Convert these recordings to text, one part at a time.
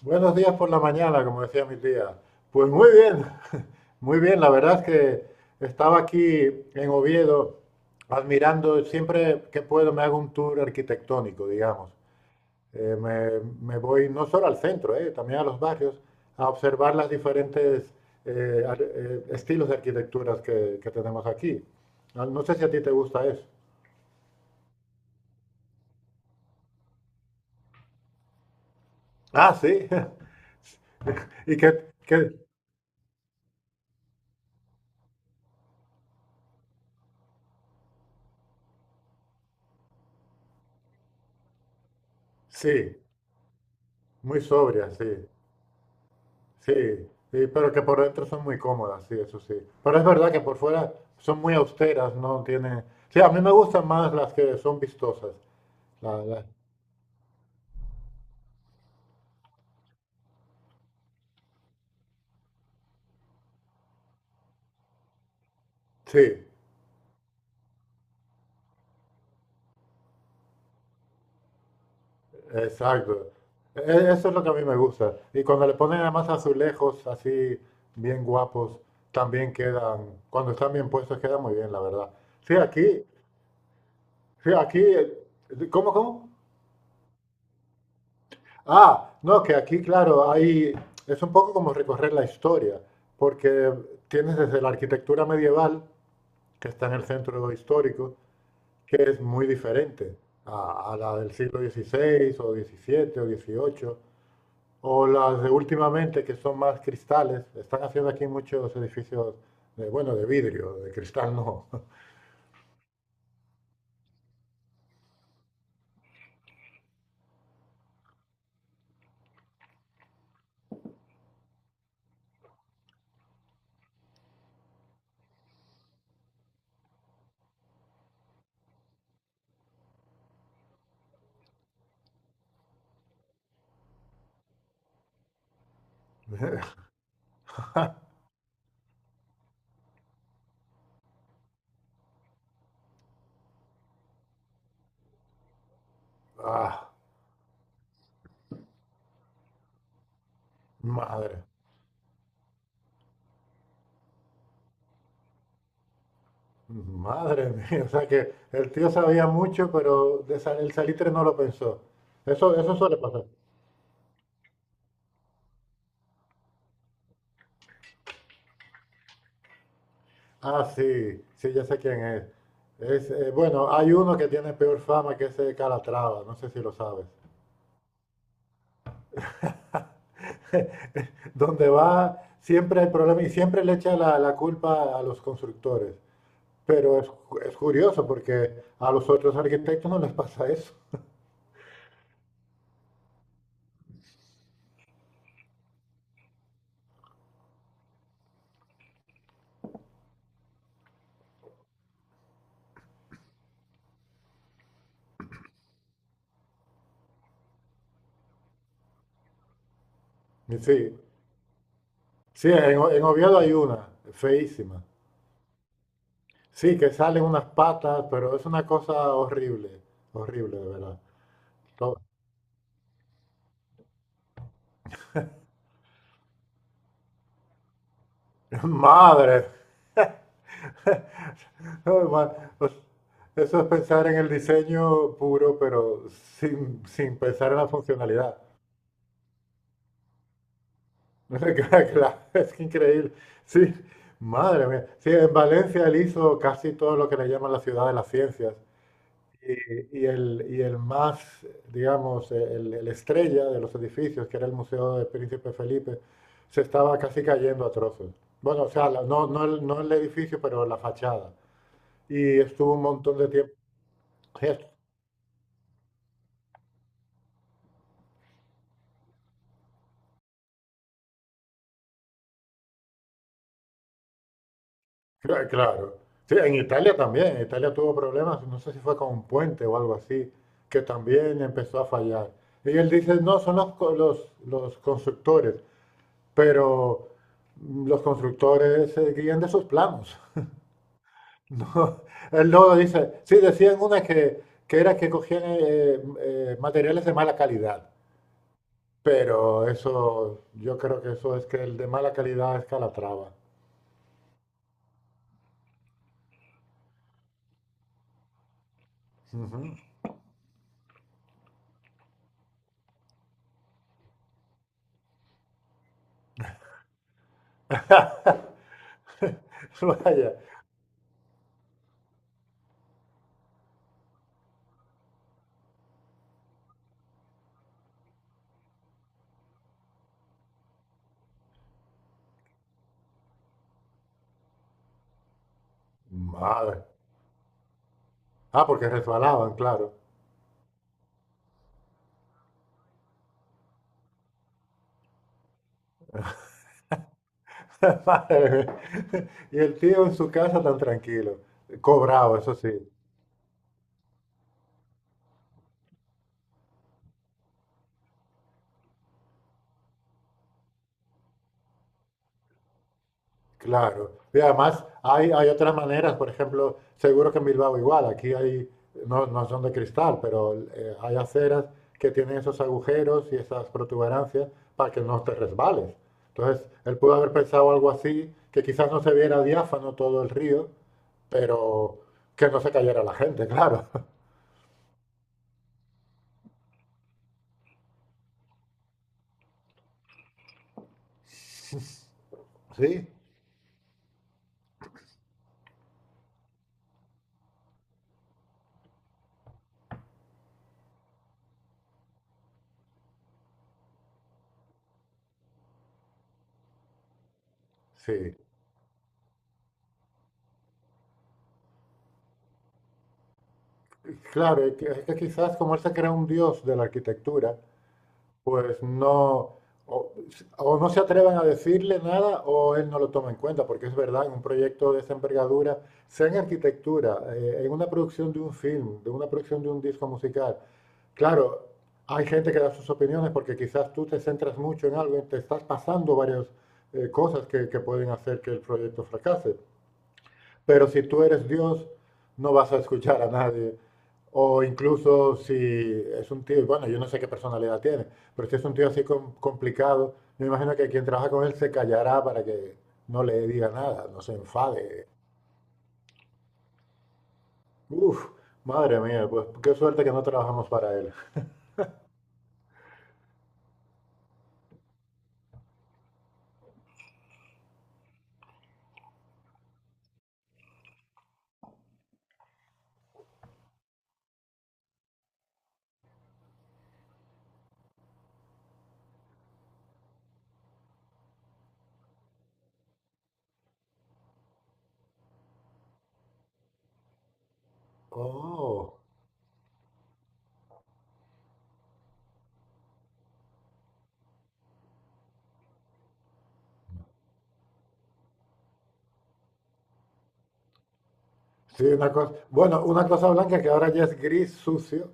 Buenos días por la mañana, como decía mi tía. Pues muy bien, muy bien. La verdad es que estaba aquí en Oviedo admirando, siempre que puedo me hago un tour arquitectónico, digamos. Eh, me, me voy no solo al centro, también a los barrios, a observar las diferentes estilos de arquitecturas que tenemos aquí. Ah, no sé si a ti te gusta eso. Ah, sí. Y que, que- sí, muy sobria, sí. Sí, sí, pero que por dentro son muy cómodas, sí, eso sí. Pero es verdad que por fuera son muy austeras, no tienen. Sí, a mí me gustan más las que son vistosas. la- la- Sí, exacto. Eso es lo que a mí me gusta. Y cuando le ponen además azulejos así bien guapos, también quedan, cuando están bien puestos, quedan muy bien, la verdad. Sí, aquí, sí, aquí, ¿cómo, cómo? Ah, no, que aquí, claro, hay, es un poco como recorrer la historia, porque tienes desde la arquitectura medieval, que está en el centro histórico, que es muy diferente a la del siglo XVI o XVII o XVIII, o las de últimamente, que son más cristales. Están haciendo aquí muchos edificios, de, bueno, de vidrio, de cristal no. Ah, madre. Madre mía, o sea que el tío sabía mucho, pero el salitre no lo pensó. Eso suele pasar. Ah, sí, sí, ya sé quién es. Bueno, hay uno que tiene peor fama que ese Calatrava, no sé si lo sabes. Donde va, siempre hay problemas y siempre le echa la culpa a los constructores. Pero es curioso porque a los otros arquitectos no les pasa eso. Y sí, sí, en Oviedo hay una, feísima. Sí, que salen unas patas, pero es una cosa horrible, horrible, de verdad. To- Madre, ay, o s- eso es pensar en el diseño puro, pero sin pensar en la funcionalidad. Claro, es increíble. Sí, madre mía. Sí, en Valencia él hizo casi todo lo que le llaman la ciudad de las ciencias. Y el más, digamos, el estrella de los edificios, que era el Museo de Príncipe Felipe, se estaba casi cayendo a trozos. Bueno, o sea, no, no, el, no el edificio, pero la fachada. Y estuvo un montón de tiempo. Sí. Claro. Sí, en Italia también. Italia tuvo problemas, no sé si fue con un puente o algo así, que también empezó a fallar. Y él dice, no, son los constructores, pero los constructores se guían de sus planos. No, él no dice. Sí, decían una que era que cogían materiales de mala calidad, pero eso, yo creo que eso es que el de mala calidad es Calatrava. Ujú. Vaya, madre. Ah, porque resbalaban, claro. Madre mía. Y el tío en su casa tan tranquilo, cobrado, eso sí. Claro. Y además hay otras maneras, por ejemplo, seguro que en Bilbao igual, aquí hay, no, no son de cristal, pero hay aceras que tienen esos agujeros y esas protuberancias para que no te resbales. Entonces, él pudo haber pensado algo así, que quizás no se viera diáfano todo el río, pero que no se cayera la gente, claro. Sí, sí. Claro, y es que quizás como él se crea un dios de la arquitectura. Pues no, o, o no se atreven a decirle nada o él no lo toma en cuenta, porque es verdad, en un proyecto de esa envergadura, sea en arquitectura, en una producción de un film, de una producción de un disco musical, claro, hay gente que da sus opiniones porque quizás tú te centras mucho en algo y te estás pasando varias cosas que pueden hacer que el proyecto fracase. Pero si tú eres Dios, no vas a escuchar a nadie. O incluso si es un tío, bueno, yo no sé qué personalidad tiene, pero si es un tío así complicado, me imagino que quien trabaja con él se callará para que no le diga nada, no se enfade. Uf, madre mía, pues qué suerte que no trabajamos para él. Oh, sí, una cosa, bueno, una cosa blanca que ahora ya es gris sucio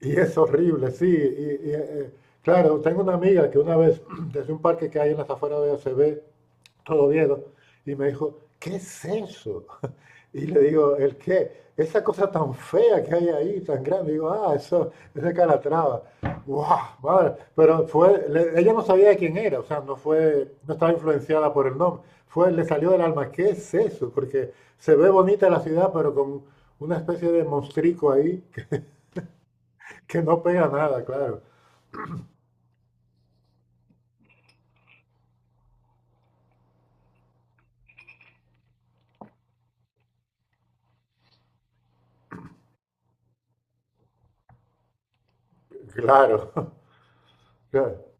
y es horrible, sí. Claro, tengo una amiga que una vez, desde un parque que hay en las afueras de OCB, todo Oviedo. Y me dijo, ¿qué es eso? Y le digo, ¿el qué? Esa cosa tan fea que hay ahí, tan grande. Digo, ah, eso es de Calatrava. ¡Wow! Madre. Pero ella no sabía de quién era, o sea, no fue, no estaba influenciada por el nombre. Fue, le salió del alma, ¿qué es eso? Porque se ve bonita la ciudad, pero con una especie de monstrico ahí que no pega nada, claro. Claro. Claro.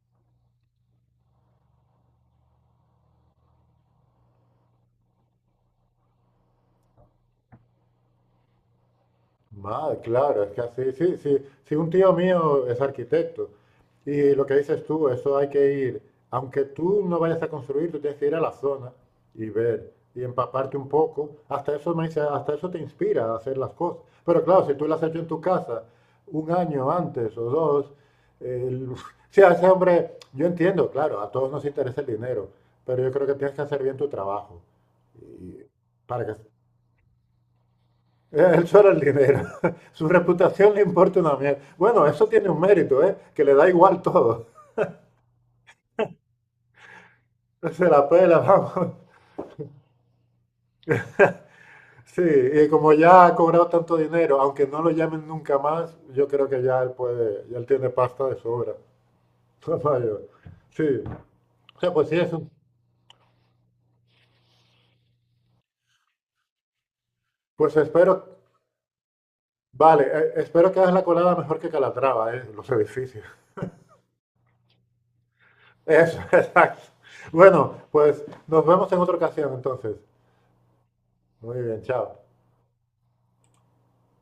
Madre, claro, es que así, sí, sí. Si un tío mío es arquitecto y lo que dices tú, eso hay que ir, aunque tú no vayas a construir, tú tienes que ir a la zona y ver y empaparte un poco. Hasta eso me dice, hasta eso te inspira a hacer las cosas. Pero claro, si tú lo has hecho en tu casa un año antes o dos, el- sí, a ese hombre, yo entiendo, claro, a todos nos interesa el dinero, pero yo creo que tienes que hacer bien tu trabajo y- para que él solo el dinero. Su reputación le importa una mierda. Bueno, eso tiene un mérito, ¿eh? Que le da igual todo. Se la pela, vamos. Sí, y como ya ha cobrado tanto dinero, aunque no lo llamen nunca más, yo creo que ya él puede, ya él tiene pasta de sobra. Vaya, sí. O sea, pues sí. Pues espero, vale, espero que hagas la colada mejor que Calatrava, ¿eh? Los edificios. Eso, exacto. Bueno, pues nos vemos en otra ocasión entonces. Muy bien, chao.